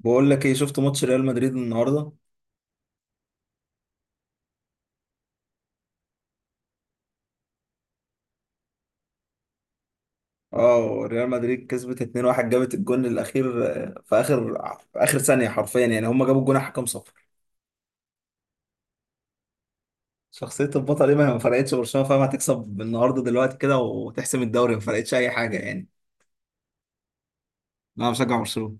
بقول لك ايه، شفت ماتش ريال مدريد النهارده؟ اه، ريال مدريد كسبت 2-1. جابت الجون الاخير، في اخر ثانيه حرفيا، يعني هم جابوا الجون على حكم صفر. شخصيه البطل ايه؟ ما فرقتش برشلونه، فاهم؟ هتكسب النهارده دلوقتي كده وتحسم الدوري، ما فرقتش اي حاجه يعني. انا بشجع برشلونه.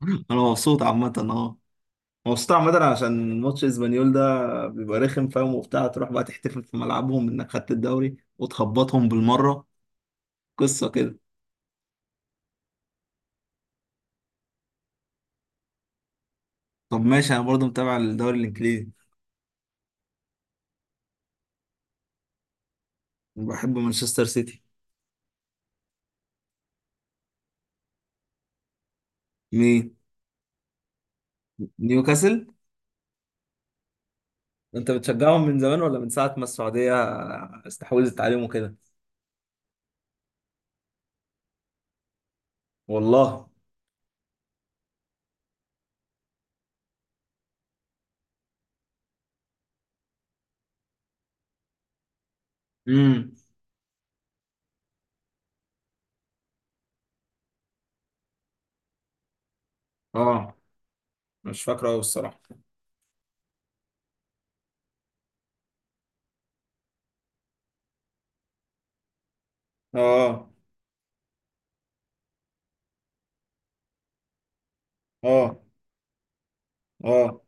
انا مبسوط عامه اه. مبسوط عامه عشان ماتش اسبانيول ده بيبقى رخم، فاهم؟ وبتاع، تروح بقى تحتفل في ملعبهم انك خدت الدوري وتخبطهم بالمره. قصه كده. طب ماشي، انا برضو متابع الدوري الانجليزي. بحب مانشستر سيتي. مين؟ نيوكاسل. انت بتشجعهم من زمان ولا من ساعة ما السعودية استحوذت عليهم وكده؟ والله. امم. اه. مش فاكره قوي الصراحة. اه. اه. اه.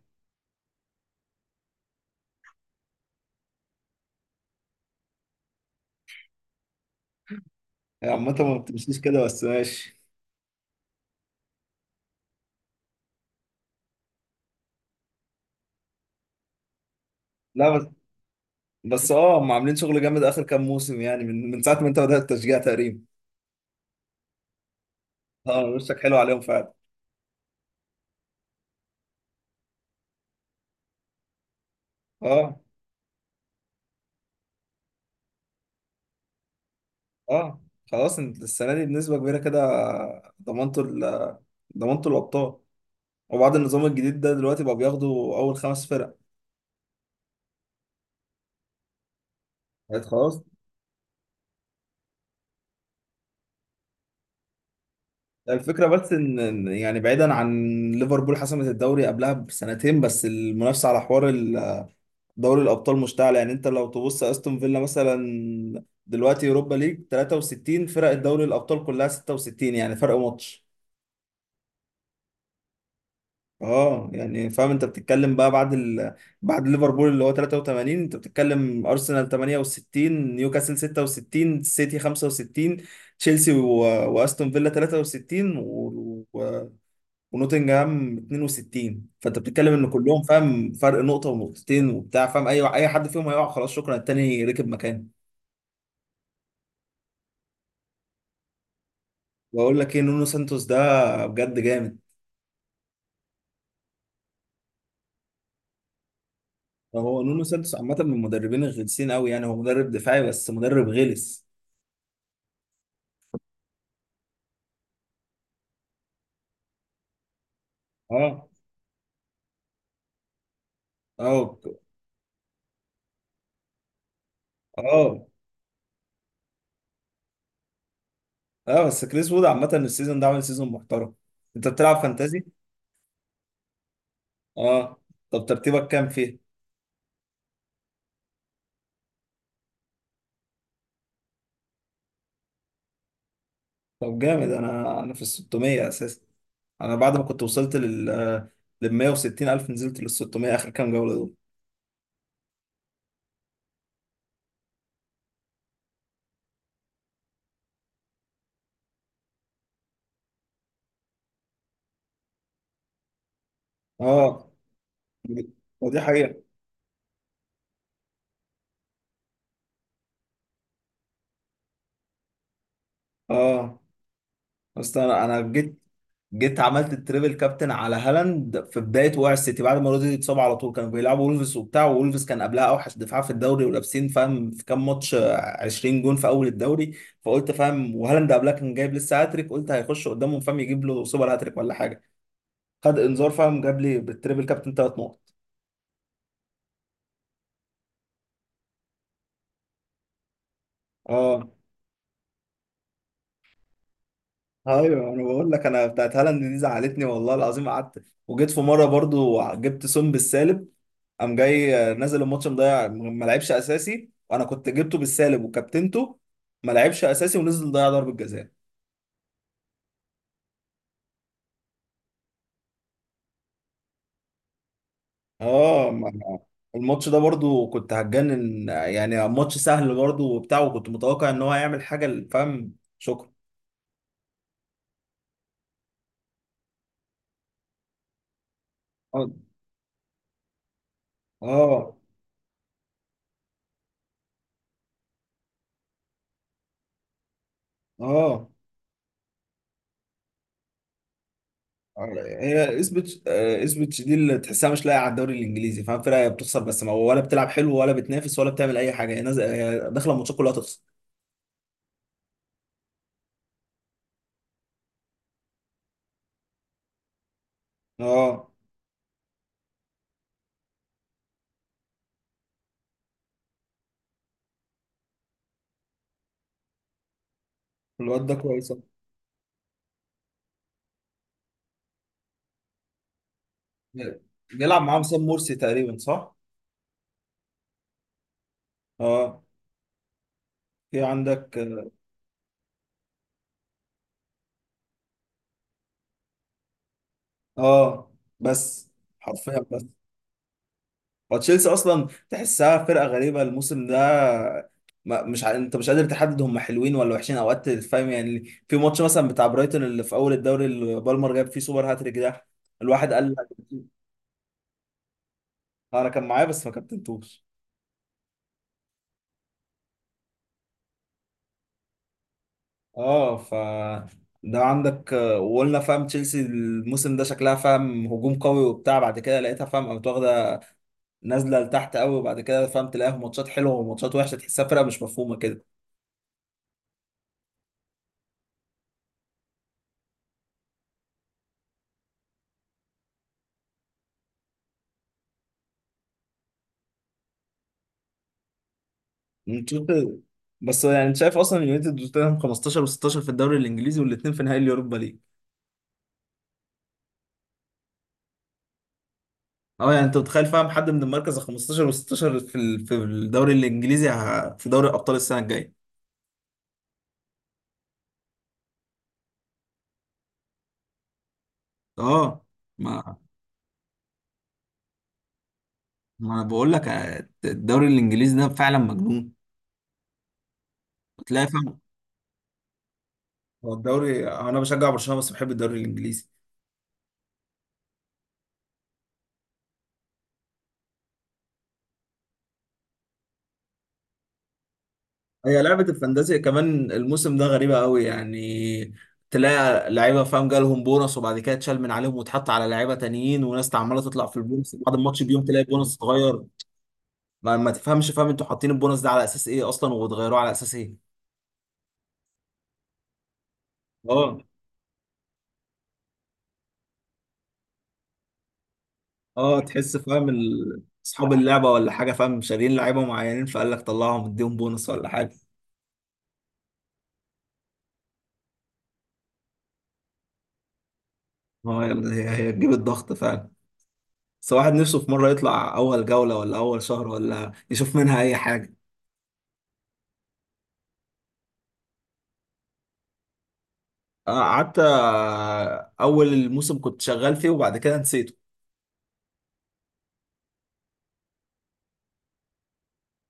هي عامة ما بتمشيش كده، بس ماشي. لا بس. بس اه، هم عاملين شغل جامد اخر كام موسم، يعني من ساعة ما انت بدأت التشجيع تقريبا. اه، وشك حلو عليهم فعلا. اه. اه. خلاص انت السنة دي بنسبة كبيرة كده ضمنتوا ال- ضمنتوا الأبطال. وبعد النظام الجديد ده دلوقتي بقى بياخدوا اول خمس فرق. بقت خلاص. الفكره بس ان يعني، بعيدا عن ليفربول حسمت الدوري قبلها بسنتين، بس المنافسه على حوار دوري الابطال مشتعله. يعني انت لو تبص استون فيلا مثلا، دلوقتي اوروبا ليج 63 فرق، الدوري الابطال كلها 66، يعني فرق ماتش. اه يعني فاهم، انت بتتكلم بقى بعد بعد ليفربول اللي هو 83، انت بتتكلم ارسنال 68، نيوكاسل 66، سيتي 65، تشيلسي واستون فيلا 63 و... ونوتنجهام 62. فانت بتتكلم ان كلهم فاهم فرق نقطة ونقطتين وبتاع، فاهم؟ اي حد فيهم هيقع خلاص شكرا، التاني ركب مكانه. واقول لك ايه، نونو سانتوس ده بجد جامد. هو نونو سانتوس عامة من المدربين الغلسين قوي، يعني هو مدرب دفاعي بس مدرب غلس. اه. اه. اه. اه. بس كريس وود عامة السيزون ده عامل سيزون محترم. انت بتلعب فانتازي؟ اه. طب ترتيبك كام فيه؟ طب جامد، انا في ال 600 اساسا. انا بعد ما كنت وصلت لل 160 الف، نزلت لل 600 اخر كام جولة دول. اه. ودي حقيقة. اه. بس انا جيت عملت التريبل كابتن على هالاند في بدايه وقع السيتي، بعد ما رودري اتصاب على طول. كانوا بيلعبوا وولفز وبتاع، وولفز كان قبلها اوحش دفاع في الدوري، ولابسين فاهم في كام ماتش 20 جون في اول الدوري. فقلت فاهم، وهالاند قبلها كان جايب لسه هاتريك، قلت هيخش قدامهم فاهم يجيب له سوبر هاتريك ولا حاجه. خد انذار، فاهم جاب لي بالتريبل كابتن ثلاث نقط. اه. ايوه، انا بقول لك، انا بتاعت هالاند دي زعلتني والله العظيم. قعدت وجيت في مره برضو، جبت سون بالسالب، قام جاي نازل الماتش مضيع، ما لعبش اساسي وانا كنت جبته بالسالب وكابتنته. ما لعبش اساسي ونزل ضيع ضربة جزاء. اه. الماتش ده برضو كنت هتجنن، يعني ماتش سهل برضو وبتاع، وكنت متوقع ان هو هيعمل حاجة فاهم شكرا. اه. اه. اه. هي اسبتش آه، اسبتش دي اللي تحسها مش لاقيه على الدوري الانجليزي، فاهم؟ فرقه هي بتخسر بس، ما ولا بتلعب حلو ولا بتنافس ولا بتعمل اي حاجه، هي نازله هي داخله الماتشات كلها تخسر. اه. الواد ده كويس. بيلعب معاهم سام مرسي تقريبا، صح؟ اه. في عندك. اه بس. حرفيا بس. وتشيلسي اصلا تحسها فرقه غريبه الموسم ده. ما مش ع... انت مش قادر تحدد هم حلوين ولا وحشين اوقات، فاهم يعني، في ماتش مثلا بتاع برايتون اللي في اول الدوري اللي بالمر جاب فيه سوبر هاتريك ده، الواحد قال لك. انا كان معايا بس ما كابتنتوش. اه ف ده عندك وقلنا فاهم تشيلسي الموسم ده شكلها فاهم هجوم قوي وبتاع، بعد كده لقيتها فاهم قامت واخده نازله لتحت قوي، وبعد كده فهمت تلاقيها في ماتشات حلوه وماتشات وحشه، تحسها فرقه مش مفهومه كده. نشوف- بس يعني انت شايف اصلا اليونايتد وتوتنهام 15 و16 في الدوري الانجليزي، والاثنين في نهائي اليوروبا ليج. اه يعني انت متخيل فاهم حد من المركز ال 15 و16 في في الدوري الانجليزي في دوري ابطال السنه الجايه. اه. ما ما انا بقول لك الدوري الانجليزي ده فعلا مجنون. تلاقي فاهم. هو الدوري، انا بشجع برشلونه بس بحب الدوري الانجليزي. هي لعبة الفانتازيا كمان الموسم ده غريبة قوي يعني، تلاقي لعيبة فاهم جالهم بونص وبعد كده اتشال من عليهم واتحط على لعيبة تانيين، وناس عمالة تطلع في البونص بعد الماتش بيوم تلاقي بونص اتغير. ما تفهمش فاهم، انتوا حاطين البونص ده على اساس ايه اصلا وبتغيروه على اساس ايه؟ اه. اه، تحس فاهم اصحاب اللعبة ولا حاجة فاهم شاريين لعيبة معينين، فقال لك طلعهم اديهم بونص ولا حاجة. اه يلا، هي تجيب الضغط فعلا. بس واحد نفسه في مرة يطلع أول جولة ولا أول شهر ولا يشوف منها أي حاجة. قعدت اول الموسم كنت شغال فيه وبعد كده نسيته.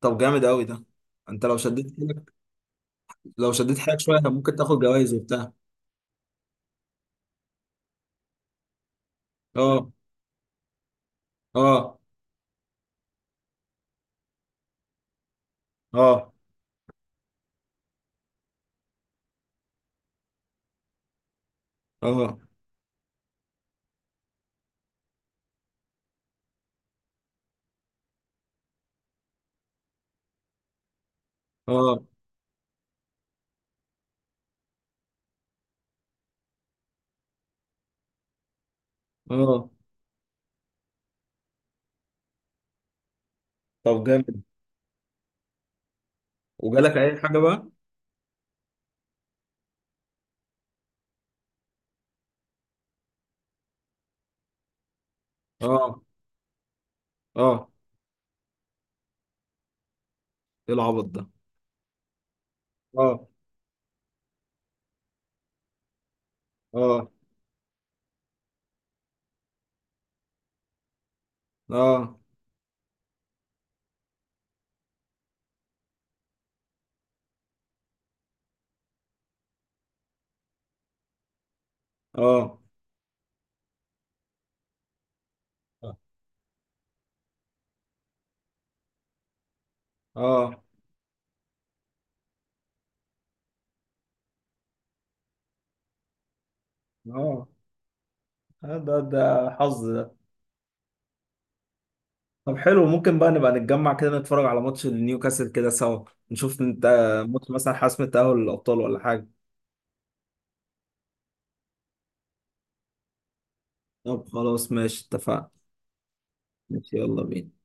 طب جامد قوي ده. انت لو شديت حيلك. لو شديت حيلك شويه كان ممكن تاخد جوائز وبتاع. اه. اه. اه. اه. اه. اه. طب جامد. وجالك اي حاجه بقى؟ اه. اه. ايه العبط ده؟ اه. اه. اه. اه. اه. اه. آه. ده حظ. طب حلو، ممكن بقى نبقى نتجمع كده نتفرج على ماتش نيوكاسل كده سوا. نشوف انت ماتش مثلا حسم التأهل للأبطال ولا حاجة. طب خلاص ماشي، اتفقنا. ماشي يلا بينا.